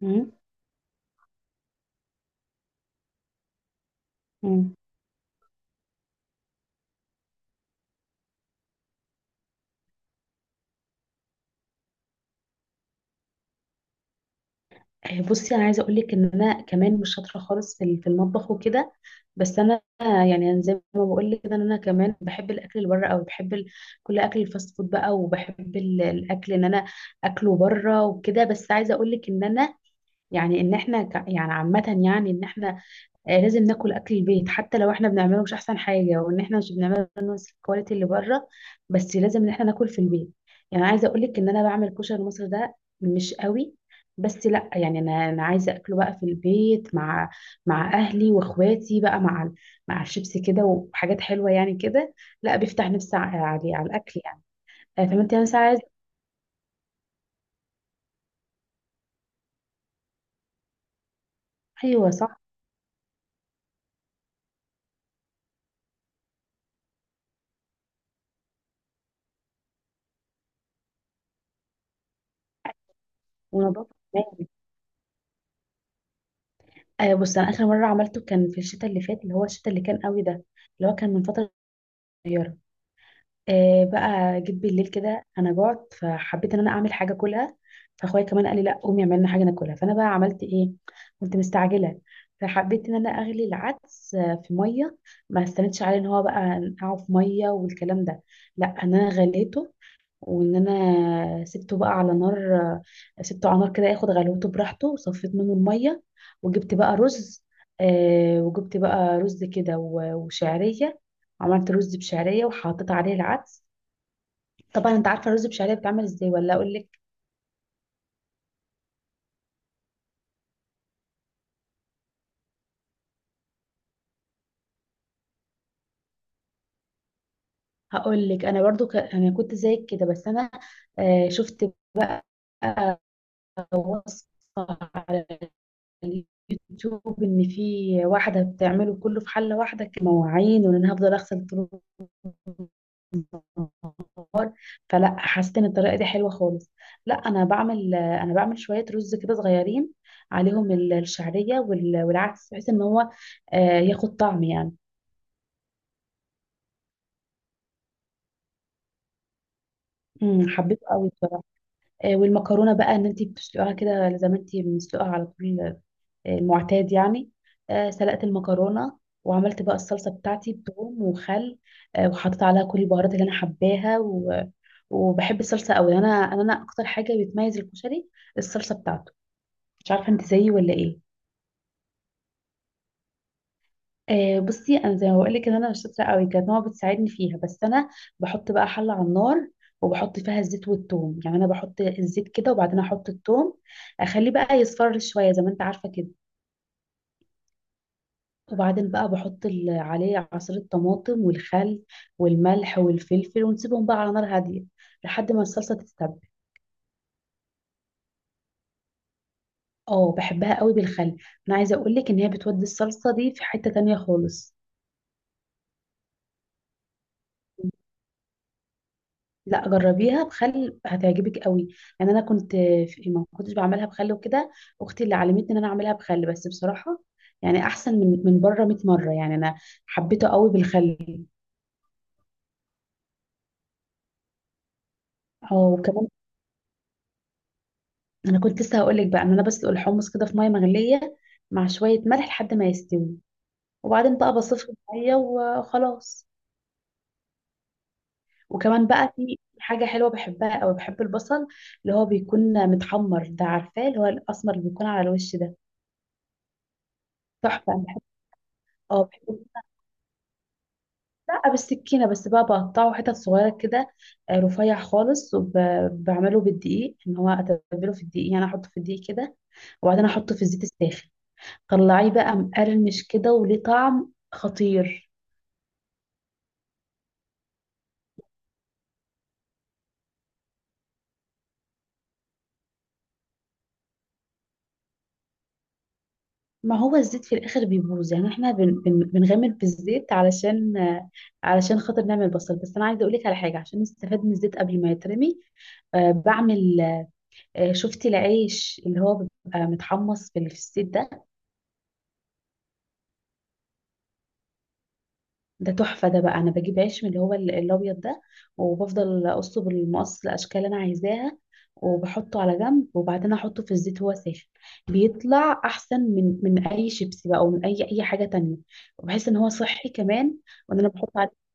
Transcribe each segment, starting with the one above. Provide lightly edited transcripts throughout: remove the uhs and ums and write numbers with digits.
مم. مم. آه، بصي انا عايزه اقول لك ان انا كمان مش شاطره خالص في المطبخ وكده. بس انا يعني أنا زي ما بقول لك كده ان انا كمان بحب الاكل اللي بره قوي، بحب كل اكل الفاست فود بقى، وبحب الاكل ان انا اكله بره وكده. بس عايزه اقول لك ان انا يعني ان احنا يعني عامه، يعني ان احنا لازم ناكل اكل البيت حتى لو احنا بنعمله مش احسن حاجه، وان احنا مش بنعمله نفس الكواليتي اللي بره، بس لازم ان احنا ناكل في البيت. يعني عايزه اقول لك ان انا بعمل كشري مصر ده مش قوي، بس لا يعني انا عايزه اكله بقى في البيت مع اهلي واخواتي بقى، مع الشيبس كده وحاجات حلوه يعني كده. لا بيفتح نفسي على الاكل يعني. آه، فما انت مثلا عايزه. ايوه، صح. ونظافه كمان. آه، بص، انا اخر مره عملته كان في الشتاء اللي فات، اللي هو الشتاء اللي كان قوي ده، اللي هو كان من فتره صغيره. آه، بقى جيت بالليل كده انا جعت، فحبيت ان انا اعمل حاجه اكلها. فاخويا كمان قال لي لا، قومي اعملي لنا حاجه ناكلها. فانا بقى عملت ايه، كنت مستعجله، فحبيت ان انا اغلي العدس في ميه. ما استنتش عليه ان هو بقى نقعه في ميه والكلام ده، لا ان انا غليته، وان انا سبته بقى على نار، سبته على نار كده ياخد غلوته براحته، وصفيت منه الميه وجبت بقى رز. وجبت بقى رز كده وشعريه. عملت رز بشعريه وحطيت عليه العدس. طبعا انت عارفه الرز بشعريه بيتعمل ازاي ولا اقول لك؟ هقول لك انا برضو انا كنت زيك كده، بس انا شفت بقى وصفه على اليوتيوب ان في واحده بتعمله كله في حله واحده، كمواعين، وان انا هفضل اغسل طول النهار، فلا حسيت ان الطريقه دي حلوه خالص. لا انا بعمل، انا بعمل شويه رز كده صغيرين، عليهم الشعريه والعدس بحيث ان هو ياخد طعم يعني. مم، حبيته قوي بصراحه. آه، والمكرونه بقى ان انت بتسلقيها كده زي ما انت مسلقها على طول، المعتاد يعني. سلقت المكرونه وعملت بقى الصلصه بتاعتي بثوم وخل. وحطيت عليها كل البهارات اللي انا حباها وبحب الصلصه قوي. انا اكتر حاجه بتميز الكشري الصلصه بتاعته. مش عارفه انت زيي ولا ايه. آه، بصي، انا زي ما بقول لك ان انا مش شاطره قوي، كانت ماما بتساعدني فيها، بس انا بحط بقى حله على النار وبحط فيها الزيت والثوم. يعني انا بحط الزيت كده وبعدين احط الثوم، اخليه بقى يصفر شويه زي ما انت عارفه كده، وبعدين بقى بحط عليه عصير طماطم والخل والملح والفلفل ونسيبهم بقى على نار هاديه لحد ما الصلصه تتسبك. اه، بحبها قوي بالخل. انا عايزه اقول لك ان هي بتودي الصلصه دي في حته تانية خالص. لا، جربيها بخل هتعجبك قوي. يعني انا كنت ما كنتش بعملها بخل وكده، اختي اللي علمتني ان انا اعملها بخل. بس بصراحه يعني احسن من بره 100 مره يعني. انا حبيته قوي بالخل. اه وكمان، انا كنت لسه هقول لك بقى ان انا بسلق الحمص كده في ميه مغليه مع شويه ملح لحد ما يستوي، وبعدين بقى بصفي الميه وخلاص. وكمان بقى في حاجه حلوه بحبها قوي، بحب البصل اللي هو بيكون متحمر ده، عارفاه؟ اللي هو الاسمر اللي بيكون على الوش ده. تحفه. أنا بحب، اه بحب، لا بالسكينة بس بقى، بقطعه حتت صغيرة كده، رفيع خالص، وبعمله بالدقيق، ان هو اتبله في الدقيق يعني احطه في الدقيق كده وبعدين احطه في الزيت الساخن، طلعيه بقى مقرمش كده وليه طعم خطير. ما هو الزيت في الاخر بيبوظ، يعني احنا بن بن بنغامر في الزيت علشان، علشان خاطر نعمل بصل. بس انا عايزه اقول لك على حاجه عشان نستفاد من الزيت قبل ما يترمي. آه، بعمل آه، شفتي العيش اللي هو بيبقى متحمص في الزيت ده؟ ده تحفة. ده بقى أنا بجيب عيش من اللي هو الأبيض ده، وبفضل أقصه بالمقص الأشكال اللي أنا عايزاها، وبحطه على جنب، وبعدين أحطه في الزيت وهو ساخن. بيطلع أحسن من أي شيبسي بقى، أو من أي حاجة تانية. وبحس إن هو صحي كمان. وإن أنا بحط عليه،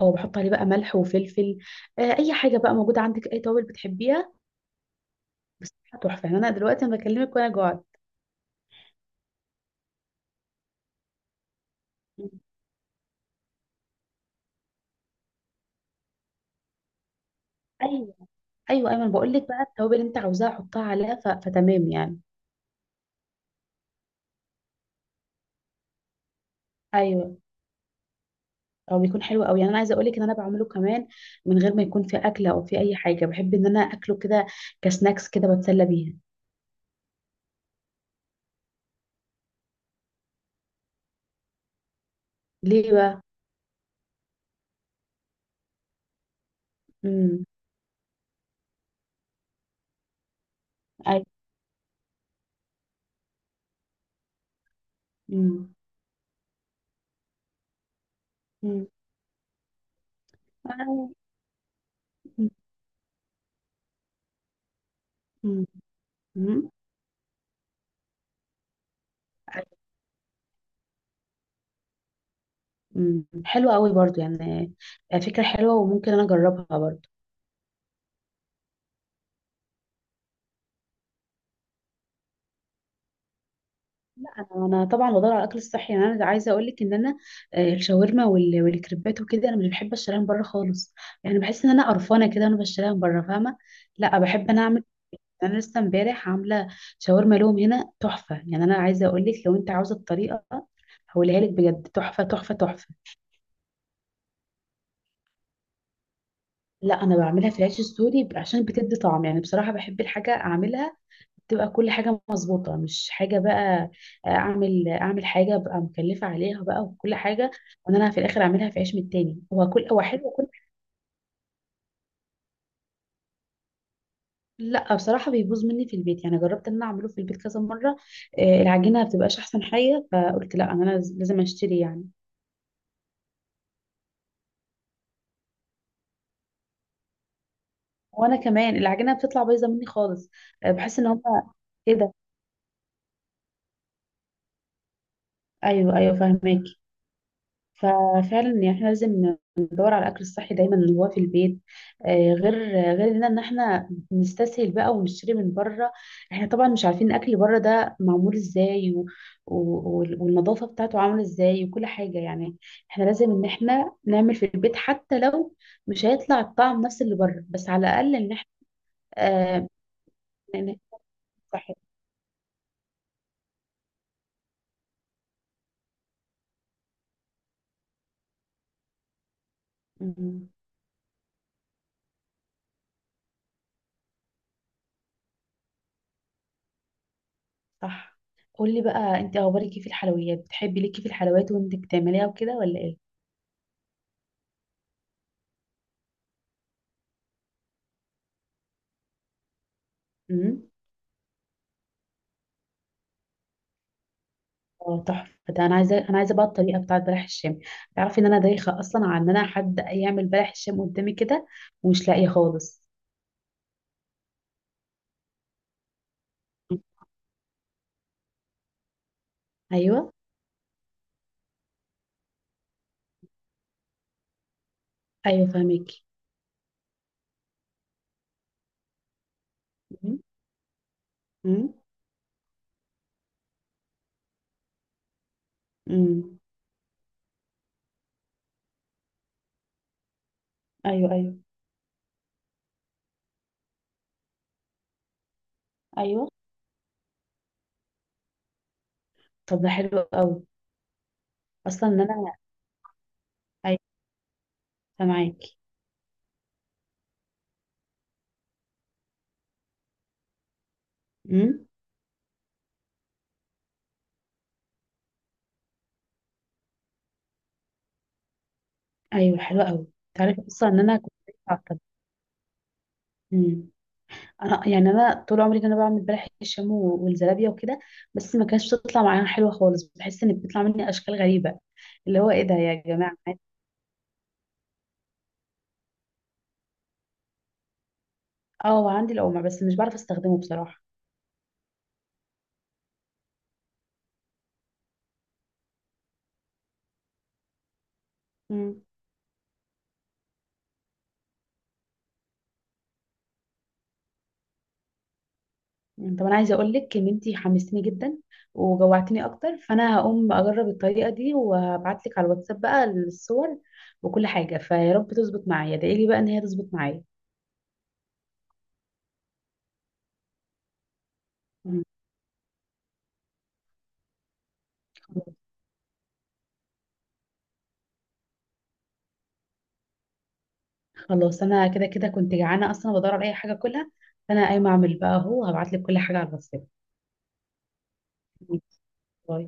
أو بحط عليه بقى ملح وفلفل، أي حاجة بقى موجودة عندك، أي توابل بتحبيها بس. تحفة يعني. أنا دلوقتي أنا بكلمك وأنا جوعت. أيوه، أيوه، أيمن بقول لك بقى، التوابل اللي أنت عاوزاها حطها عليها، فتمام يعني. أيوه. او بيكون حلو قوي يعني. انا عايزه اقول لك ان انا بعمله كمان من غير ما يكون في اكله او في اي حاجه. بحب ان انا اكله كده كسناكس كده، بتسلى بيها. ليه بقى؟ امم، اي، امم، امم، آه، أمم، أمم، أمم. أي. أمم. حلو قوي برضو يعني. آه، فكره حلوه وممكن انا اجربها برضو. انا، أنا طبعا بدور على الاكل الصحي يعني. انا عايزه اقول لك ان انا الشاورما والكريبات وكده انا مش بحب اشتريها من بره خالص. يعني بحس ان انا قرفانه كده وانا بشتريها من بره، فاهمه؟ لا بحب انا اعمل، انا لسه امبارح عامله شاورما لهم هنا تحفه. يعني انا عايزه اقول لك لو انت عاوزه الطريقه هقولها لك بجد، تحفه تحفه تحفه. لا، انا بعملها في العيش السوري عشان بتدي طعم يعني. بصراحه بحب الحاجه اعملها تبقى كل حاجه مظبوطه، مش حاجه بقى اعمل، اعمل حاجه ابقى مكلفه عليها بقى وكل حاجه، وان انا في الاخر اعملها في عيش من التاني. هو كل هو حلو وكل. لا بصراحه بيبوظ مني في البيت. يعني جربت ان انا اعمله في البيت كذا مره، العجينه ما بتبقاش احسن حاجه، فقلت لا، انا لازم اشتري يعني. وانا كمان العجينه بتطلع بايظه مني خالص. آه، بحس ان هم. ايه ده؟ ايوه، ايوه، فاهماكي. ففعلا يعني احنا لازم ندور على الاكل الصحي دايما اللي هو في البيت، غير ان ان احنا نستسهل بقى ونشتري من بره. احنا طبعا مش عارفين الاكل بره ده معمول ازاي و... والنظافه بتاعته عامله ازاي، وكل حاجه يعني. احنا لازم ان احنا نعمل في البيت حتى لو مش هيطلع الطعم نفس اللي بره، بس على الاقل ان احنا آه... ن- ن- صحي. صح. قولي بقى انت، اخبارك ايه في الحلويات؟ بتحبي ليكي في الحلويات وانت بتعمليها وكده ولا ايه؟ امم. اه، تحفه ده. انا عايزه، انا عايزه بقى الطريقه بتاعت بلح الشام. تعرفي ان انا دايخه اصلا على ان انا حد يعمل بلح الشام قدامي كده ومش لاقيه خالص. مم. ايوه، ايوه، فهميكي. أمم. امم. امم. ايوه. ايوه. ايوه. طب ده حلو قوي اصلا ان انا. ايوه. معاكي. امم. ايوه. حلو قوي. تعرفي اصلا ان انا كنت دايخة على الطريقة. انا يعني انا طول عمري انا بعمل بلح الشام والزلابيه وكده، بس ما كانتش بتطلع معايا حلوه خالص. بحس ان بتطلع مني اشكال غريبه. اللي هو ايه ده يا جماعه؟ اه، عندي القمع بس مش بعرف استخدمه بصراحه. مم. طب انا عايزه اقول لك ان انتي حمستني جدا وجوعتني اكتر، فانا هقوم اجرب الطريقه دي وهبعت لك على الواتساب بقى الصور وكل حاجه. فيا رب تظبط معايا، ادعي لي بقى ان هي تظبط معايا. مم. خلاص، انا كده كده كنت جعانه اصلا بدور على اي حاجه اكلها، فانا قايمه اعمل بقى اهو، هبعت لك كل حاجه على الواتساب. باي.